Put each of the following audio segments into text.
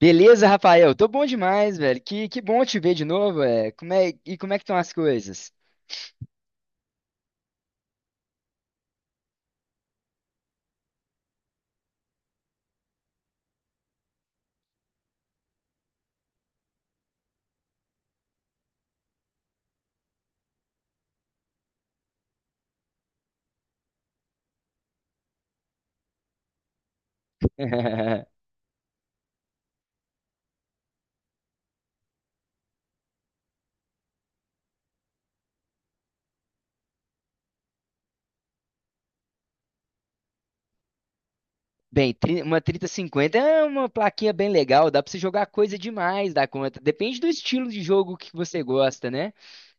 Beleza, Rafael? Tô bom demais, velho. Que bom te ver de novo, é. E como é que estão as coisas? Bem, uma trinta cinquenta é uma plaquinha bem legal, dá pra você jogar coisa demais da conta. Depende do estilo de jogo que você gosta, né?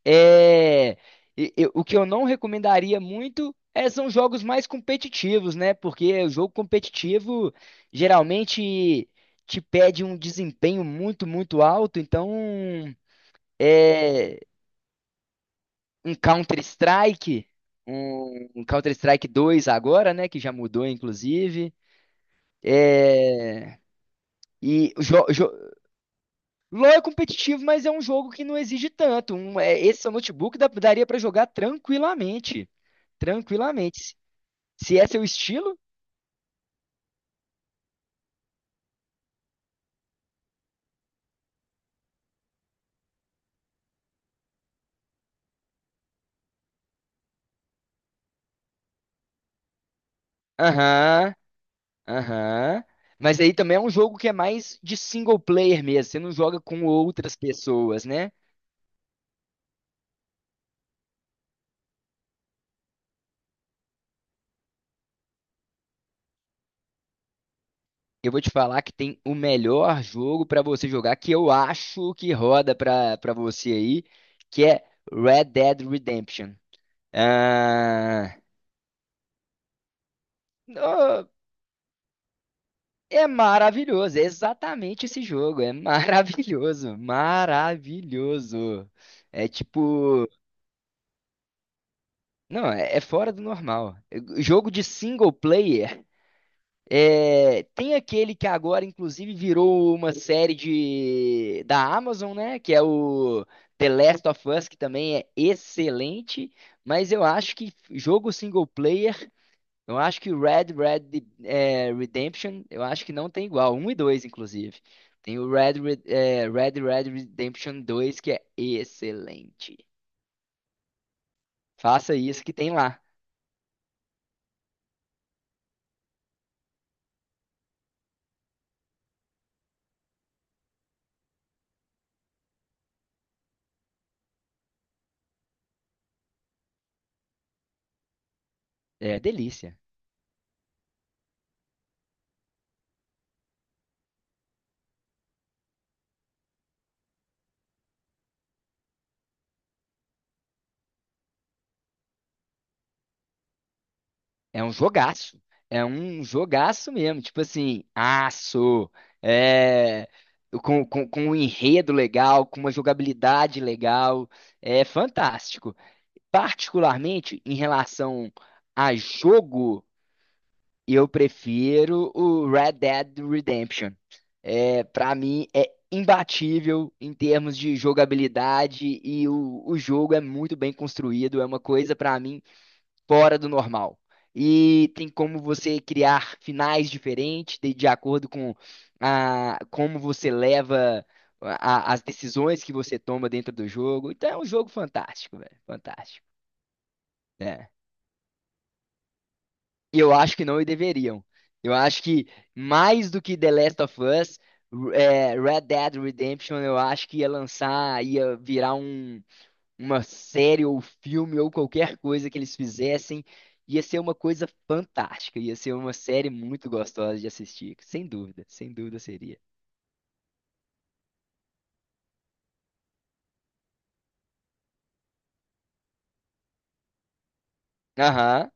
É, o que eu não recomendaria muito são jogos mais competitivos, né? Porque o jogo competitivo geralmente te pede um desempenho muito alto, então é, um Counter-Strike, um Counter-Strike dois agora, né? Que já mudou, inclusive. É... E LoL é competitivo, mas é um jogo que não exige tanto. Esse seu notebook daria pra jogar tranquilamente. Tranquilamente. Se é seu estilo, aham, aham. Mas aí também é um jogo que é mais de single player mesmo. Você não joga com outras pessoas, né? Eu vou te falar que tem o melhor jogo pra você jogar, que eu acho que roda pra para você aí, que é Red Dead Redemption. Ah, oh, é maravilhoso, é exatamente esse jogo, é maravilhoso, maravilhoso. É tipo, não, é fora do normal. Jogo de single player. É, tem aquele que agora, inclusive, virou uma série da Amazon, né? Que é o The Last of Us, que também é excelente. Mas eu acho que jogo single player, eu acho que Redemption, eu acho que não tem igual. Um e dois, inclusive. Tem o Red Red Redemption dois que é excelente. Faça isso que tem lá. É delícia. É um jogaço. É um jogaço mesmo. É, com, com um enredo legal, com uma jogabilidade legal. É fantástico. Particularmente em relação a jogo, eu prefiro o Red Dead Redemption. É, para mim, é imbatível em termos de jogabilidade e o jogo é muito bem construído. É uma coisa, para mim, fora do normal. E tem como você criar finais diferentes de acordo com a, como você leva as decisões que você toma dentro do jogo. Então é um jogo fantástico, velho. Fantástico. É. E eu acho que não deveriam. Eu acho que mais do que The Last of Us, é, Red Dead Redemption, eu acho que ia virar uma série ou filme ou qualquer coisa que eles fizessem, ia ser uma coisa fantástica, ia ser uma série muito gostosa de assistir, sem dúvida seria. Aham,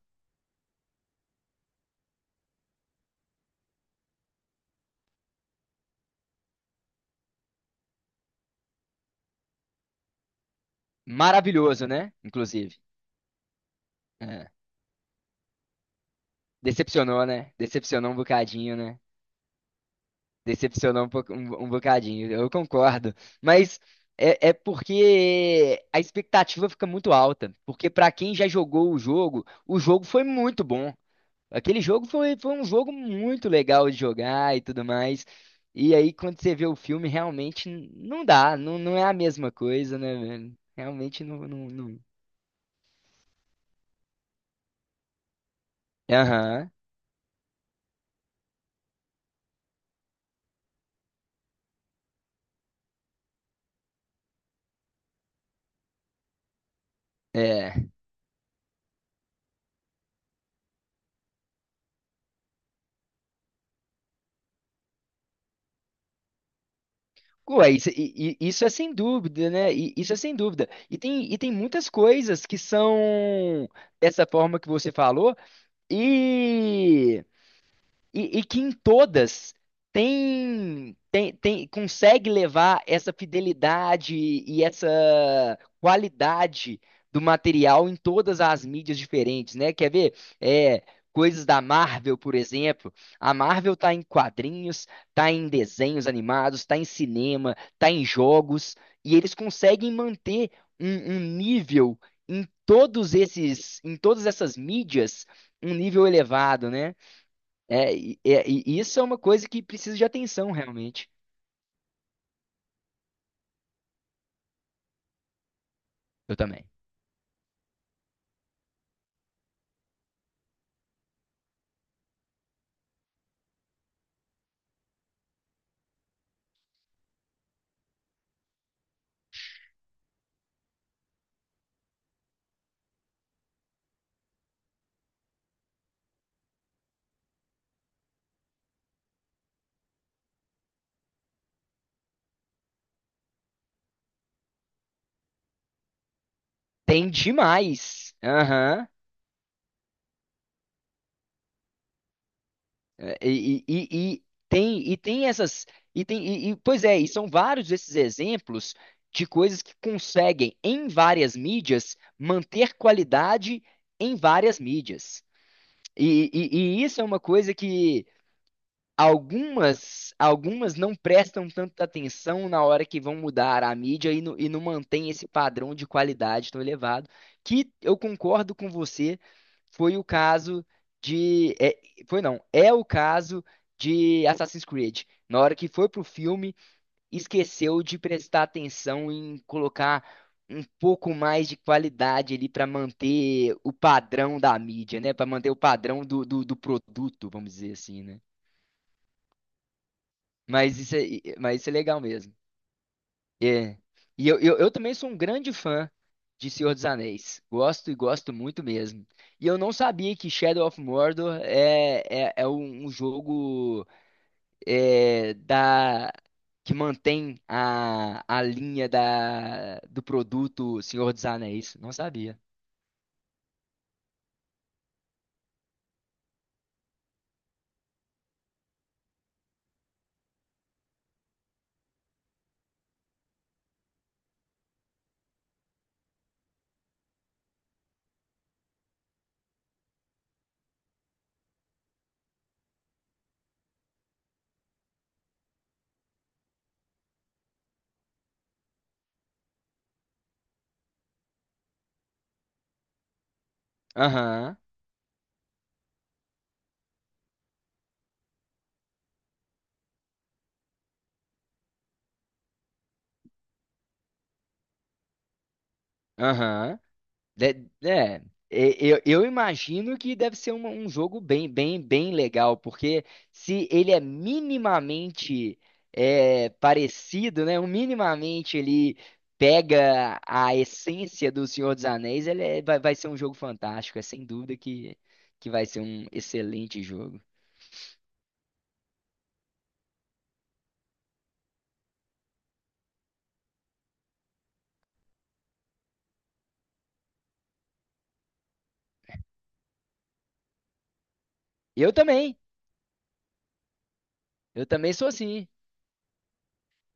maravilhoso, né? Inclusive. É. Decepcionou, né? Decepcionou um bocadinho, né? Decepcionou um bocadinho, eu concordo. Mas é, é porque a expectativa fica muito alta. Porque pra quem já jogou o jogo foi muito bom. Aquele jogo foi um jogo muito legal de jogar e tudo mais. E aí, quando você vê o filme, realmente não dá, não, não é a mesma coisa, né, velho? Realmente não, não, não. Aham, é. Ué, isso, e- Isso é sem dúvida, né? Isso é sem dúvida. E tem muitas coisas que são dessa forma que você falou, e. E, e que em todas tem, tem, tem, Consegue levar essa fidelidade e essa qualidade do material em todas as mídias diferentes, né? Quer ver? É, coisas da Marvel, por exemplo. A Marvel tá em quadrinhos, tá em desenhos animados, tá em cinema, tá em jogos, e eles conseguem manter um nível em todos esses, em todas essas mídias, um nível elevado, né? E isso é uma coisa que precisa de atenção, realmente. Eu também. Tem demais. Aham. E tem, e tem essas. Pois é, e são vários esses exemplos de coisas que conseguem, em várias mídias, manter qualidade em várias mídias. E isso é uma coisa que algumas, algumas não prestam tanta atenção na hora que vão mudar a mídia e não mantém esse padrão de qualidade tão elevado, que eu concordo com você, foi o caso de, é- foi não, é o caso de Assassin's Creed. Na hora que foi pro filme, esqueceu de prestar atenção em colocar um pouco mais de qualidade ali para manter o padrão da mídia, né? Para manter o padrão do, do produto, vamos dizer assim, né? Mas isso é, mas isso é legal mesmo. É. Eu também sou um grande fã de Senhor dos Anéis. Gosto e gosto muito mesmo. E eu não sabia que Shadow of Mordor é um jogo é, da, que mantém a linha da, do produto Senhor dos Anéis. Não sabia. Aham, aham. De- É, eu imagino que deve ser um jogo bem legal, porque se ele é minimamente é, parecido, né? Um minimamente ele pega a essência do Senhor dos Anéis, vai, vai ser um jogo fantástico. É sem dúvida que vai ser um excelente jogo. Eu também, eu também sou assim.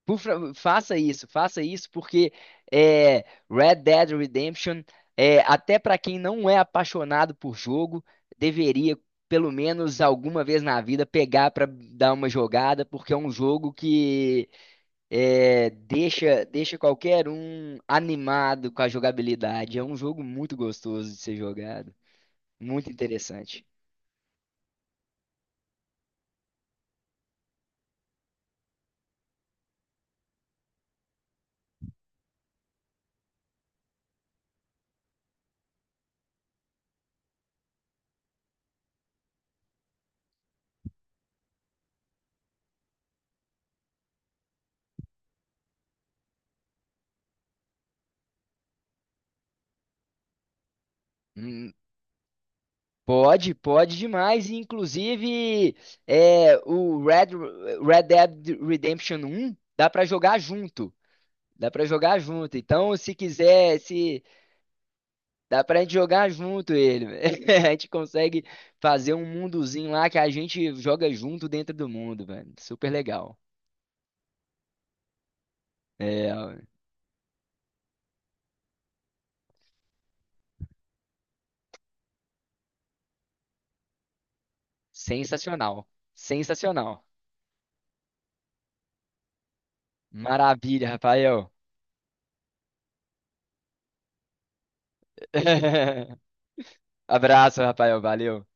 Por faça isso, porque é, Red Dead Redemption, é, até para quem não é apaixonado por jogo, deveria, pelo menos alguma vez na vida, pegar para dar uma jogada, porque é um jogo que é, deixa, deixa qualquer um animado com a jogabilidade. É um jogo muito gostoso de ser jogado, muito interessante. Hum, Pode, pode demais. E, inclusive, é, o Red Dead Redemption 1 dá pra jogar junto. Dá pra jogar junto. Então, se quiser, se dá pra gente jogar junto ele. A gente consegue fazer um mundozinho lá que a gente joga junto dentro do mundo, velho. Super legal. É, sensacional. Sensacional. Maravilha, Rafael. Abraço, Rafael. Valeu.